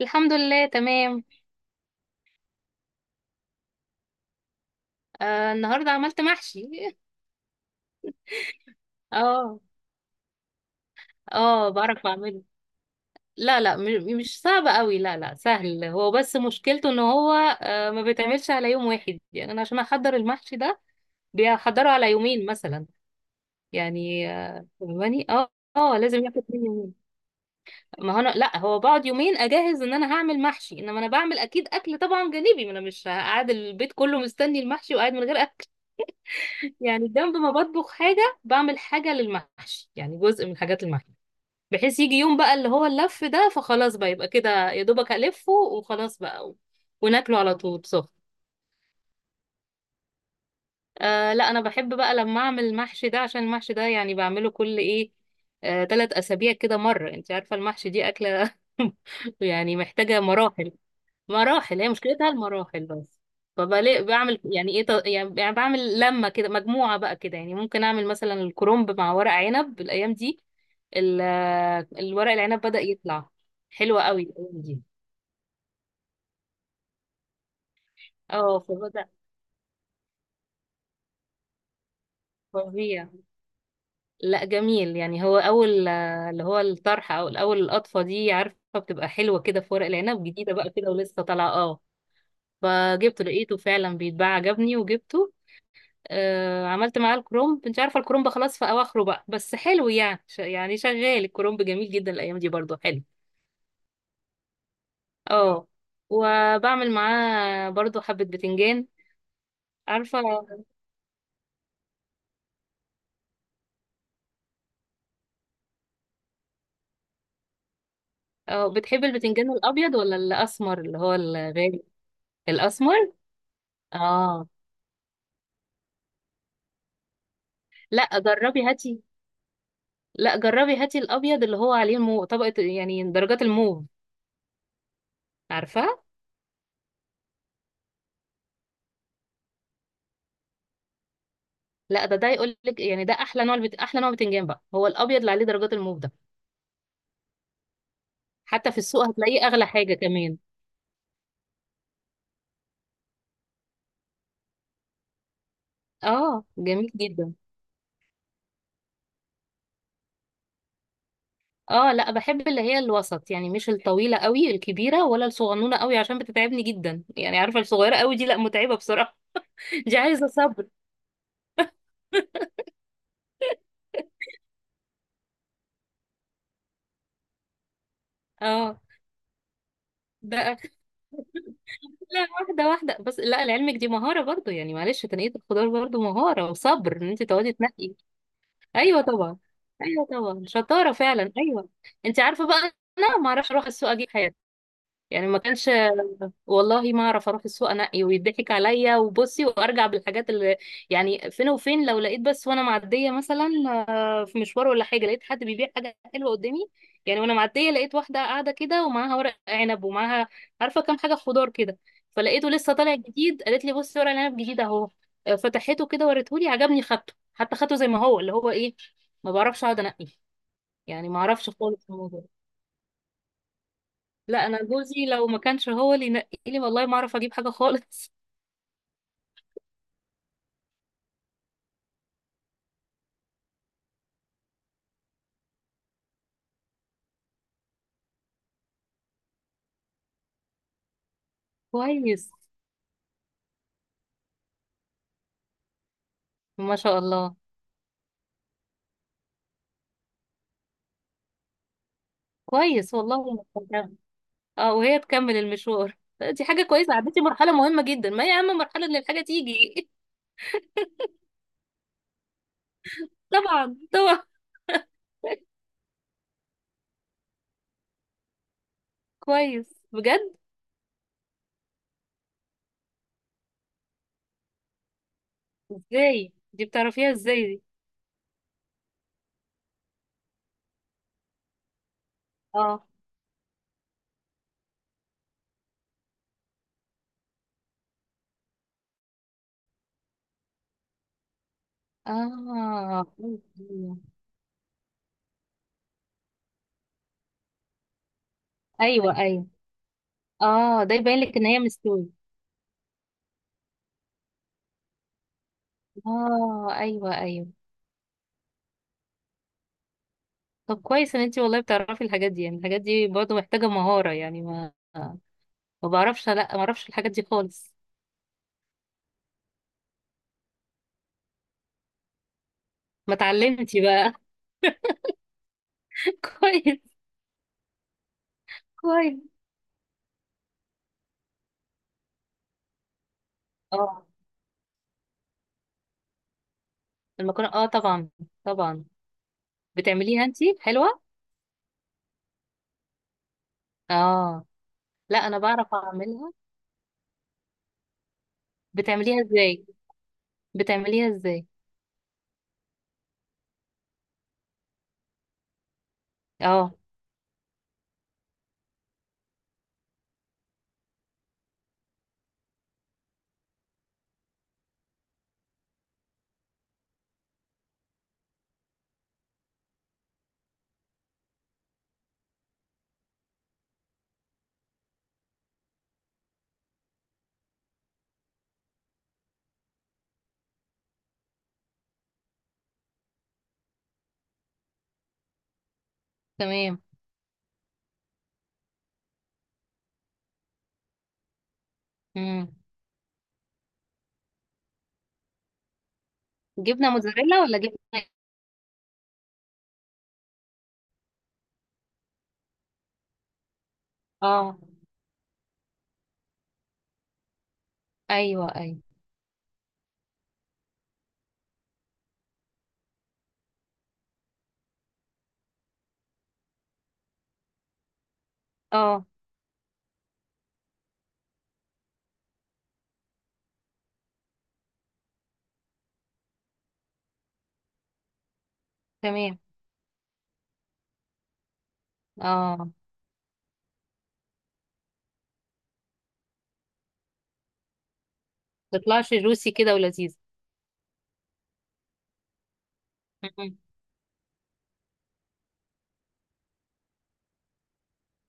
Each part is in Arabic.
الحمد لله، تمام. النهارده عملت محشي. اه. اه، بعرف اعمله. لا، لا، مش صعب قوي، لا لا، سهل، هو بس مشكلته ان هو ما بيتعملش على يوم واحد. يعني انا عشان احضر المحشي ده بيحضره على يومين مثلا. يعني فاهماني، اه. اه لازم ياخد مني يومين. ما هو انا، لا، هو بقعد يومين اجهز ان انا هعمل محشي، انما انا بعمل اكيد اكل طبعا جانبي، ما انا مش قاعد البيت كله مستني المحشي وقاعد من غير اكل. يعني جنب ما بطبخ حاجة بعمل حاجة للمحشي، يعني جزء من حاجات المحشي، بحيث يجي يوم بقى اللي هو اللف ده، فخلاص بقى يبقى كده يا دوبك ألفه وخلاص بقى وناكله على طول سخن. لا، أنا بحب بقى لما أعمل المحشي ده، عشان المحشي ده يعني بعمله كل إيه، 3 أسابيع كده مرة. أنت عارفة المحشي دي أكلة، يعني محتاجة مراحل. مراحل، هي مشكلتها المراحل بس. فبلاقي بعمل يعني ايه، يعني بعمل لمة كده، مجموعة بقى كده، يعني ممكن اعمل مثلا الكرنب مع ورق عنب الايام دي. ال- الورق العنب بدأ يطلع. حلوة قوي الايام دي، اه فبدأ. فظيع. لا جميل، يعني هو اول، اللي هو الطرحة او الاول، القطفة دي عارفة بتبقى حلوة كده في ورق العنب جديدة بقى كده ولسه طالعة، اه. فجبته لقيته فعلا بيتباع، عجبني وجبته. عملت معاه الكرومب، مش عارفة الكرومب خلاص في أواخره بقى، بس حلو، يعني شغال الكرومب، جميل جدا الأيام دي برضو، حلو. اه، وبعمل معاه برضو حبة بتنجان. عارفة. اه، بتحب البتنجان الأبيض ولا الأسمر اللي هو الغالي؟ الأسمر. اه، لا جربي هاتي لا جربي هاتي الأبيض اللي هو عليه المو طبقة، يعني درجات الموف. عارفاه. لا، ده يقول لك يعني ده أحلى نوع أحلى نوع بتنجان بقى هو الأبيض اللي عليه درجات الموف ده. حتى في السوق هتلاقيه أغلى حاجة كمان. اه جميل جدا. اه، لا بحب اللي هي الوسط، يعني مش الطويلة قوي الكبيرة ولا الصغنونة قوي، عشان بتتعبني جدا. يعني عارفة الصغيرة قوي دي، لا، متعبة بصراحة. دي عايزة صبر. اه. ده. لا واحدة واحدة بس، لا، لعلمك دي مهارة برضو، يعني معلش، تنقية الخضار برضو مهارة، وصبر ان انت تقعدي تنقي. ايوه طبعا. ايوه طبعا، شطارة فعلا، ايوه. انت عارفة بقى، انا ما اعرفش اروح السوق اجيب حاجة. يعني ما كانش. والله ما اعرف اروح السوق انقي، ويضحك عليا وبصي وارجع بالحاجات اللي، يعني فين وفين. لو لقيت بس وانا معديه مثلا، في مشوار ولا حاجه، لقيت حد بيبيع حاجه حلوه قدامي، يعني وانا معديه لقيت واحده قاعده كده ومعاها ورق عنب ومعاها، عارفه، كام حاجه خضار كده. فلقيته لسه طالع جديد، قالت لي بصي ورق العنب جديد اهو. فتحته كده وريته لي، عجبني خدته، حتى خدته زي ما هو، اللي هو ايه. ما بعرفش اقعد انقي، يعني ما اعرفش خالص الموضوع. لا انا جوزي لو ما كانش هو اللي ينقي لي، والله ما اعرف اجيب حاجه خالص. كويس. ما شاء الله. كويس والله، مقدرة. اه، وهي تكمل المشوار. لا، دي حاجه كويسه، عديتي مرحله مهمه جدا، ما هي اهم مرحله ان الحاجه تيجي. طبعا طبعا. كويس بجد. ازاي دي بتعرفيها؟ ازاي دي؟ اه. اه ايوه ايوه. اه، ده يبين لك ان هي مستوي. اه ايوه ايوه. طب كويس ان انتي والله بتعرفي الحاجات دي، يعني الحاجات دي برضه محتاجه مهاره، يعني ما، ما بعرفش، لا، ما بعرفش الحاجات دي خالص. ما اتعلمتي بقى. كويس. كويس. اه. المكرونه اه طبعا، طبعا. بتعمليها انتي حلوه. اه، لا انا بعرف اعملها. بتعمليها ازاي بتعمليها ازاي؟ اه. تمام. امم جبنه موتزاريلا ولا جبنه ايه؟ اه ايوه ايوه. اه تمام. اه، تطلعش جوسي كده ولذيذ. مم.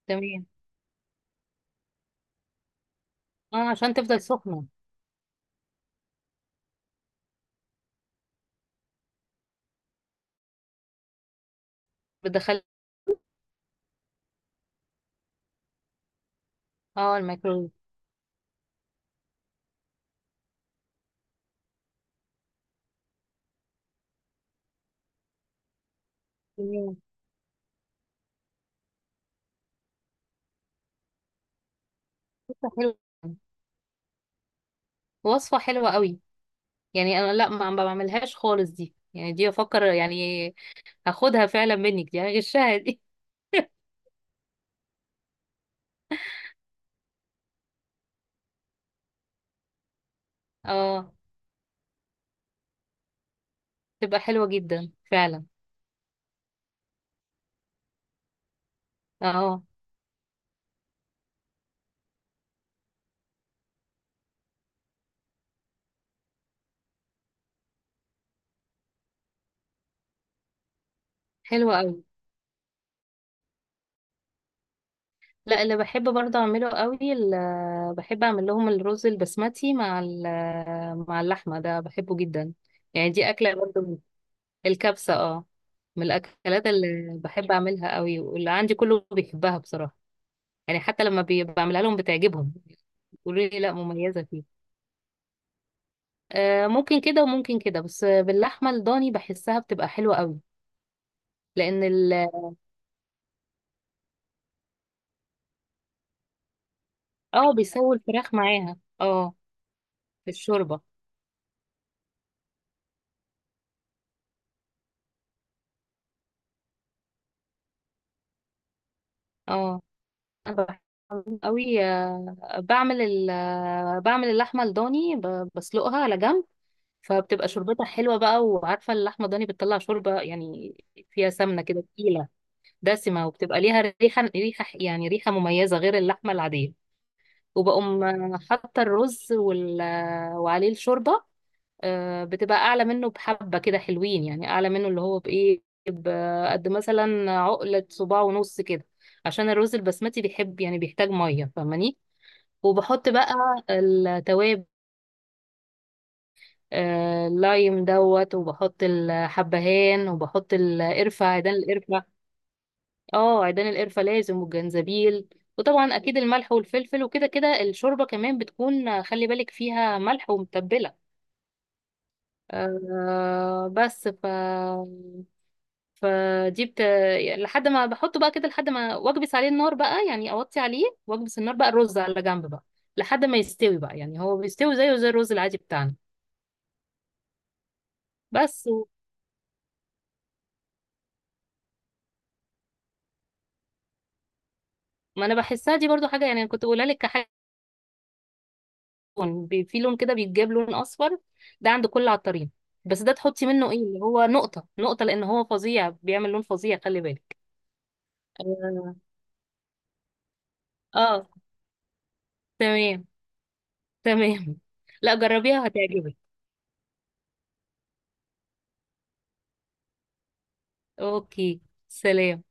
تمام. اه عشان تفضل سخنه. بتدخل. اه، الميكرويف. تمام. وصفه حلوه. وصفه حلوه قوي. يعني انا، لا، ما بعملهاش خالص دي، يعني دي افكر، يعني هاخدها فعلا منك دي، يعني غشها دي. اه. تبقى حلوة جدا فعلا. اه. حلوة قوي. لا، اللي بحب برضه اعمله قوي اللي بحب اعمل لهم الرز البسمتي مع اللحمة ده، بحبه جدا. يعني دي اكلة برضه الكبسة اه، من الاكلات اللي بحب اعملها قوي، واللي عندي كله بيحبها بصراحة. يعني حتى لما بعملها لهم بتعجبهم، يقولوا لي لا، مميزة فيه. ممكن كده وممكن كده، بس باللحمة الضاني بحسها بتبقى حلوة قوي. لأن ال، اه بيسووا الفراخ معاها، اه. في الشوربة. اه. أنا بحبهم قوي، بعمل ال آه، بعمل اللحمة الضاني، بسلقها على جنب، فبتبقى شوربتها حلوة بقى، وعارفة اللحمة الضاني بتطلع شوربة يعني، فيها سمنة كده تقيلة، دسمة، وبتبقى ليها ريحة، ريحة يعني، ريحة مميزة غير اللحمة العادية. وبقوم حاطة الرز وال... آه، وعليه الشوربة، بتبقى اعلى منه، بحبه كده حلوين، يعني اعلى منه اللي هو بايه، بقد مثلا عقله صباع ونص كده، عشان الرز البسمتي بيحب يعني بيحتاج ميه، فاهماني. وبحط بقى التوابل، اللايم دوت، وبحط الحبهان، وبحط القرفه، عيدان القرفه. اه، عيدان القرفه لازم، والجنزبيل، وطبعا اكيد الملح والفلفل، وكده كده. الشوربه كمان بتكون خلي بالك فيها ملح ومتبله. بس ف، فدي لحد ما بحطه بقى كده، لحد ما واكبس عليه النار بقى، يعني اوطي عليه واكبس النار بقى، الرز على جنب بقى لحد ما يستوي بقى، يعني هو بيستوي زيه زي الرز العادي بتاعنا. بس و، ما انا بحسها دي برضو حاجه، يعني كنت بقولها لك كحاجه، لون، في لون كده بيتجاب، لون اصفر، ده عند كل عطارين، بس ده تحطي منه ايه، اللي هو نقطه نقطه، لان هو فظيع، بيعمل لون فظيع، خلي بالك. اه. آه، تمام، تمام. لا جربيها هتعجبك. اوكي. سلام.